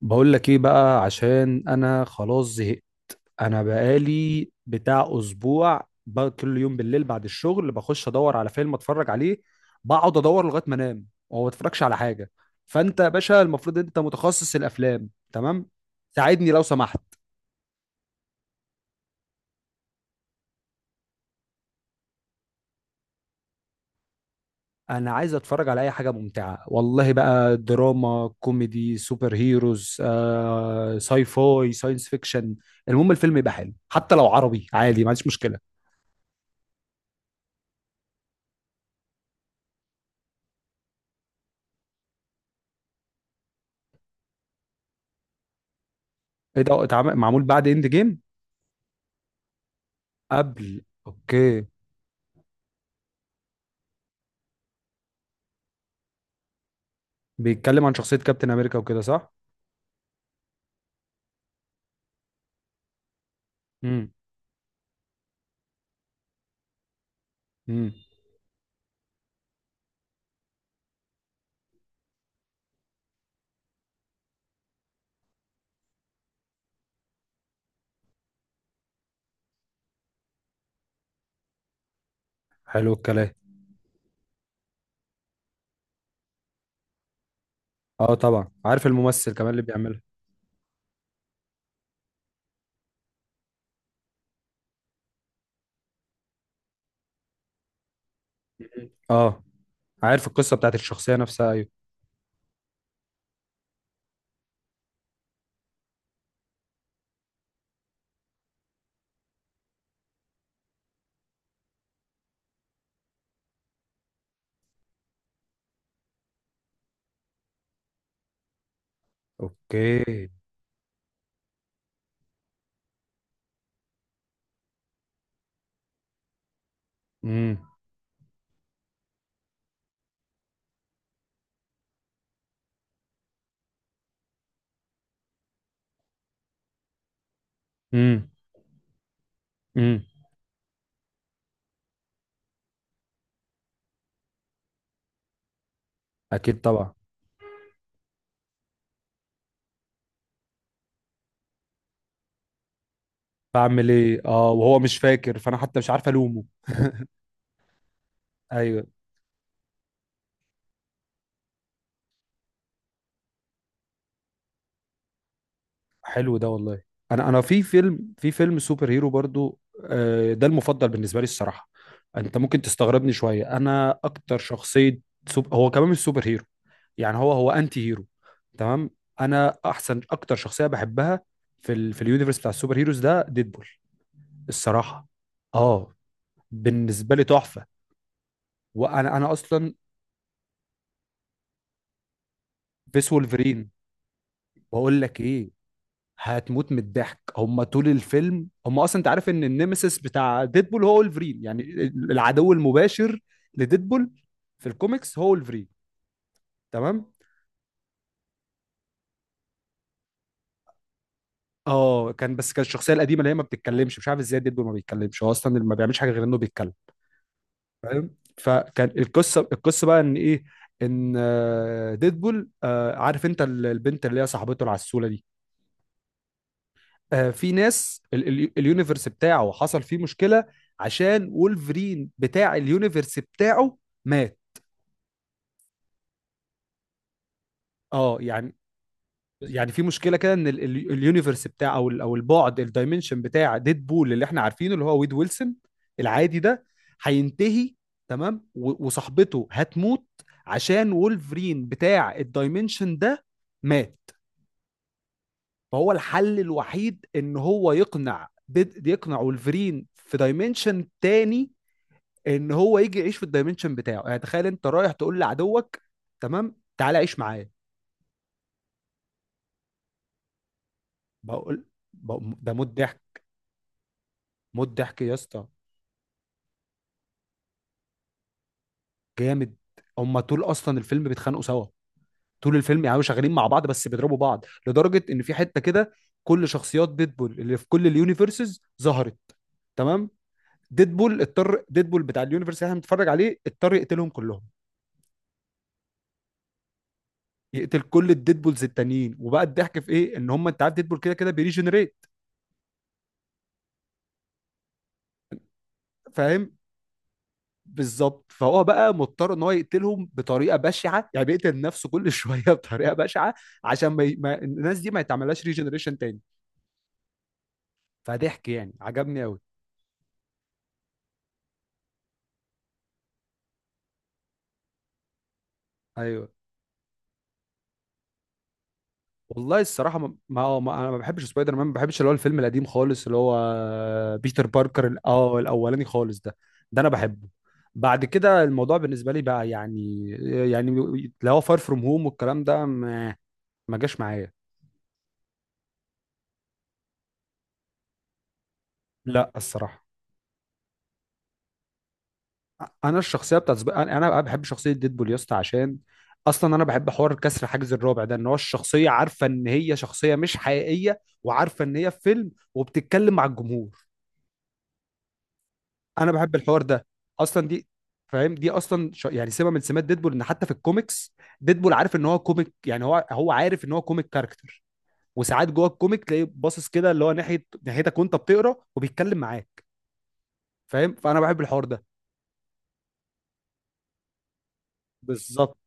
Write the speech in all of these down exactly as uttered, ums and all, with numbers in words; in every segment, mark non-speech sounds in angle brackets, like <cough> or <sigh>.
بقول لك ايه بقى، عشان انا خلاص زهقت. انا بقالي بتاع اسبوع بقى كل يوم بالليل بعد الشغل بخش ادور على فيلم اتفرج عليه. بقعد ادور لغايه ما انام وما بتفرجش على حاجه. فانت يا باشا المفروض انت متخصص الافلام، تمام؟ ساعدني لو سمحت. انا عايز اتفرج على اي حاجه ممتعه والله بقى، دراما، كوميدي، سوبر هيروز، آه، ساي فاي، ساينس فيكشن. المهم الفيلم يبقى حلو، حتى لو عربي عادي ما عنديش مشكله. ايه ده؟ اتعمل- معمول بعد اند جيم؟ قبل، اوكي. بيتكلم عن شخصية كابتن امريكا وكده، صح؟ امم امم حلو الكلام. اه طبعا، عارف الممثل كمان اللي بيعملها. مم. اه، عارف القصة بتاعت الشخصية نفسها، ايوه. اوكي. امم امم امم اكيد طبعا. بعمل ايه؟ اه، وهو مش فاكر فانا حتى مش عارف الومه. ايوه. حلو ده والله. انا انا في فيلم في فيلم سوبر هيرو برضو. آه، ده المفضل بالنسبه لي الصراحه. انت ممكن تستغربني شويه، انا اكتر شخصيه… سوب... هو كمان مش سوبر هيرو، يعني هو هو انتي هيرو، تمام. انا احسن اكتر شخصيه بحبها في ال... في اليونيفرس بتاع السوبر هيروز ده ديدبول، الصراحه. اه، بالنسبه لي تحفه. وانا انا اصلا… فيس وولفرين. بقول لك ايه، هتموت من الضحك. هم طول الفيلم، هم اصلا انت عارف ان النيمسيس بتاع ديدبول هو ولفرين يعني، العدو المباشر لديدبول. في الكوميكس هو ولفرين، تمام. اه كان، بس كان الشخصيه القديمه اللي هي ما بتتكلمش. مش عارف ازاي ديدبول ما بيتكلمش، هو اصلا اللي ما بيعملش حاجه غير انه بيتكلم. فاهم؟ فكان القصه القصه بقى ان ايه. ان آه، ديدبول آه، عارف انت ال- البنت اللي هي صاحبته العسوله دي، آه، في ناس ال- ال- اليونيفرس بتاعه حصل فيه مشكلة، عشان وولفرين بتاع اليونيفرس بتاعه مات. اه يعني. يعني في مشكلة كده ان ال- ال- اليونيفرس بتاع، او ال- او البعد، الدايمنشن بتاع ديد بول اللي احنا عارفينه، اللي هو ويد ويلسون العادي ده، هينتهي. تمام، و- وصاحبته هتموت عشان وولفرين بتاع الدايمنشن ده مات. فهو الحل الوحيد ان هو يقنع ديد، يقنع وولفرين في دايمنشن تاني ان هو يجي يعيش في الدايمنشن بتاعه. يعني تخيل انت رايح تقول لعدوك، تمام، تعالى عيش معايا. بقول بقول- ده موت ضحك. موت ضحك يا اسطى. جامد. هما طول اصلا الفيلم بيتخانقوا سوا. طول الفيلم يعني شغالين مع بعض، بس بيضربوا بعض، لدرجه ان في حته كده كل شخصيات ديدبول اللي في كل اليونيفرسز ظهرت، تمام. ديدبول اضطر ديدبول بتاع اليونيفرس اللي احنا بنتفرج عليه اضطر يقتلهم كلهم، يقتل كل الديدبولز التانيين. وبقى الضحك في ايه؟ ان هم، انت عارف ديدبول كده كده بيريجنريت، فاهم؟ بالظبط. فهو بقى مضطر ان هو يقتلهم بطريقه بشعه، يعني بيقتل نفسه كل شويه <laughs> بطريقه بشعه عشان ما, ي... ما الناس دي ما يتعملهاش ريجنريشن تاني. فضحك يعني، عجبني قوي. ايوه والله الصراحه ما... ما... ما انا ما بحبش سبايدر مان. ما بحبش اللي هو الفيلم القديم خالص اللي هو بيتر باركر ال- اه الاولاني خالص ده، ده انا بحبه. بعد كده الموضوع بالنسبه لي بقى يعني، يعني اللي هو فار فروم هوم والكلام ده ما ما جاش معايا. لا الصراحه، انا الشخصيه بتاعت سب... انا أنا بحب شخصيه ديدبول يا اسطى، عشان اصلا انا بحب حوار كسر حاجز الرابع ده، ان هو الشخصيه عارفه ان هي شخصيه مش حقيقيه، وعارفه ان هي في فيلم، وبتتكلم مع الجمهور. انا بحب الحوار ده اصلا. دي فاهم، دي اصلا ش... يعني سمه من سمات ديدبول، ان حتى في الكوميكس ديدبول عارف ان هو كوميك، يعني هو هو عارف ان هو كوميك كاركتر. وساعات جوه الكوميك تلاقيه باصص كده اللي هو ناحيه ناحيتك وانت بتقرا وبيتكلم معاه، فاهم؟ فانا بحب الحوار ده بالظبط.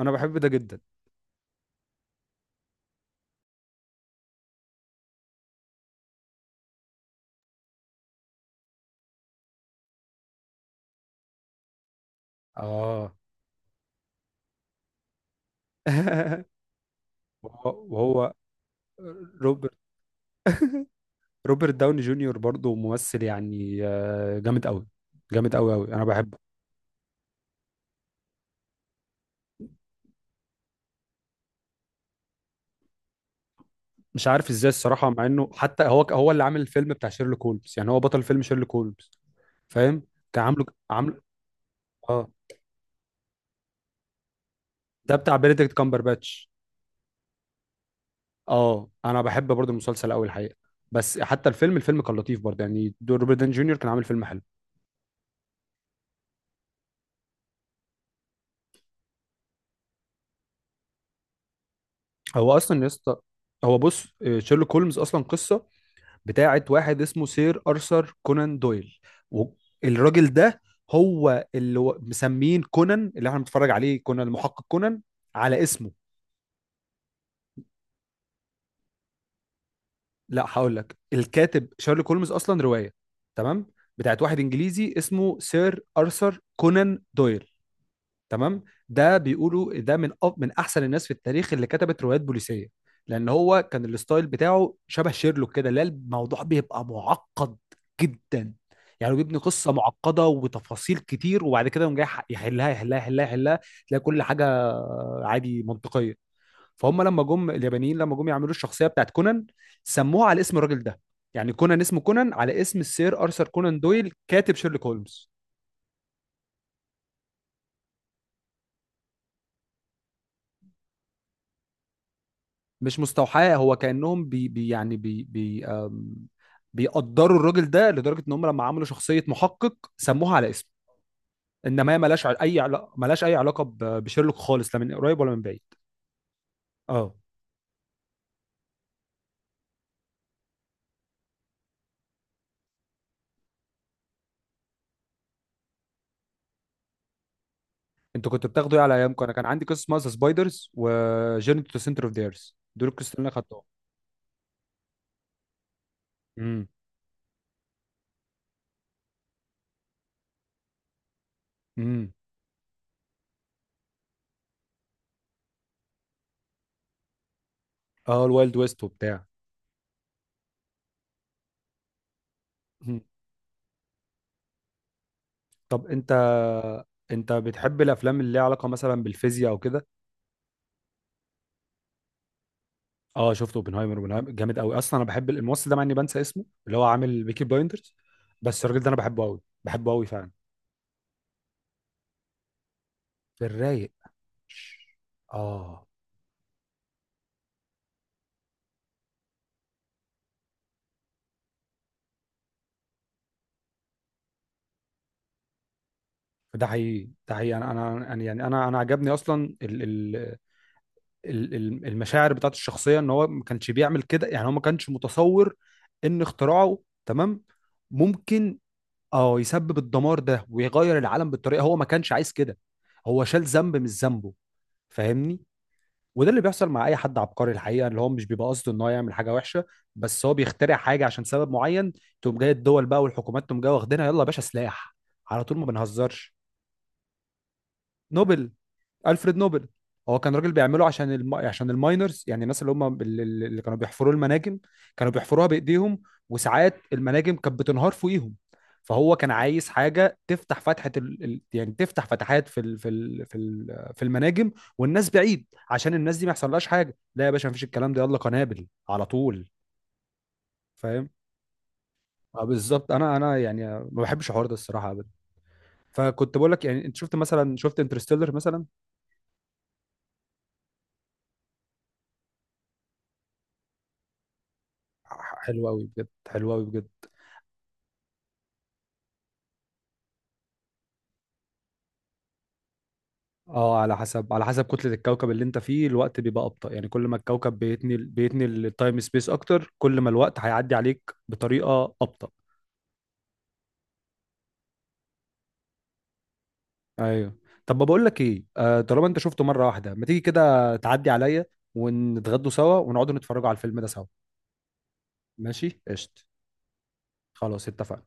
انا بحب ده جدا. اه <laughs> وهو وهو روبرت <laughs> روبرت داوني جونيور برضه ممثل يعني، آه، جامد قوي. جامد قوي قوي، انا بحبه. مش عارف ازاي الصراحه، مع انه حتى هو، هو اللي عامل الفيلم بتاع شيرلوك هولمز، يعني هو بطل فيلم شيرلوك هولمز، فاهم. كان عامله. عامله، اه. ده بتاع بنديكت كامبرباتش. اه انا بحب برضه المسلسل قوي الحقيقه. بس حتى الفيلم، الفيلم كان لطيف برضه يعني، دور روبرت داوني جونيور كان عامل فيلم حلو. هو اصلا يا اسطى، هو بص، آه، شيرلوك هولمز اصلا قصه بتاعت واحد اسمه سير أرثر كونان دويل. والراجل ده هو اللي، و- مسمين كونان اللي احنا بنتفرج عليه، كونان المحقق كونان على اسمه. لا هقول لك، الكاتب شارلوك هولمز اصلا روايه، تمام، بتاعت واحد انجليزي اسمه سير ارثر كونان دويل، تمام. ده بيقولوا ده من أف- من احسن الناس في التاريخ اللي كتبت روايات بوليسيه. لان هو كان الستايل بتاعه شبه شيرلوك كده، لا الموضوع بيبقى معقد جدا، يعني هو بيبني قصه معقده وتفاصيل كتير، وبعد كده يقوم جاي يح- يحلها يحلها يحلها يحلها، تلاقي كل حاجه عادي منطقيه. فهم لما جم اليابانيين، لما جم يعملوا الشخصيه بتاعت كونان سموها على اسم الراجل ده، يعني كونان اسمه كونان على اسم السير ارثر كونان دويل كاتب شيرلوك هولمز. مش مستوحاه، هو كأنهم بي بي، يعني بي بي آم، بيقدروا الراجل ده لدرجة ان هم لما عملوا شخصية محقق سموها على اسمه. انما هي ملهاش ع- اي علاقة، ملهاش اي علاقة ب- بشيرلوك خالص، لا من قريب ولا من بعيد. اه. انتوا كنتوا بتاخدوا ايه على ايامكم؟ انا كان عندي قصة اسمها سبايدرز، وجيرني تو سنتر اوف ذا ايرث، دول القصص اللي انا خدتهم. امم. امم. اه الوايلد ويست وبتاع. مم. طب انت، انت بتحب الافلام اللي ليها علاقة مثلا بالفيزياء او كده؟ اه شفت اوبنهايمر، اوبنهايمر جامد قوي اصلا. انا بحب الممثل ده، مع اني بنسى اسمه، اللي هو عامل بيكي بلايندرز. بس الراجل ده انا بحبه قوي، بحبه قوي فعلا. في الرايق. اه، ده حقيقي، ده حقيقي. انا انا أنا- يعني انا انا عجبني اصلا ال ال ال ال- المشاعر بتاعت الشخصيه، ان هو ما كانش بيعمل كده. يعني هو ما كانش متصور ان اختراعه، تمام، ممكن، اه، يسبب الدمار ده ويغير العالم بالطريقه. هو ما كانش عايز كده، هو شال ذنب مش ذنبه، فاهمني؟ وده اللي بيحصل مع اي حد عبقري الحقيقه، اللي هو مش بيبقى قصده ان هو يعمل حاجه وحشه، بس هو بيخترع حاجه عشان سبب معين، تقوم جاي الدول بقى والحكومات تقوم جايه واخدينها، يلا يا باشا سلاح على طول، ما بنهزرش. نوبل، الفريد نوبل، هو كان راجل بيعمله عشان الم... عشان الماينرز، يعني الناس اللي هم اللي اللي كانوا بيحفروا المناجم، كانوا بيحفروها بايديهم، وساعات المناجم كانت بتنهار فوقيهم. فهو كان عايز حاجه تفتح فتحه ال... ال- يعني تفتح فتحات في ال... في ال... في ال... في المناجم، والناس بعيد، عشان الناس دي ما يحصلهاش حاجه. لا يا باشا مفيش الكلام ده، يلا قنابل على طول، فاهم؟ اه بالظبط. انا انا يعني ما بحبش الحوار ده الصراحه ابدا. فكنت بقول لك، يعني انت شفت مثلا، شفت انترستيلر مثلا؟ ح- حلو قوي بجد، حلو قوي بجد. اه، على حسب، على حسب كتلة الكوكب اللي انت فيه الوقت بيبقى أبطأ، يعني كل ما الكوكب بيتني بيتني التايم سبيس اكتر، كل ما الوقت هيعدي عليك بطريقة أبطأ. ايوه. طب بقول لك ايه، آه طالما انت شفته مرة واحدة، ما تيجي كده تعدي عليا ونتغدوا سوا، ونقعدوا نتفرجوا على الفيلم ده سوا. ماشي قشط، خلاص اتفقنا.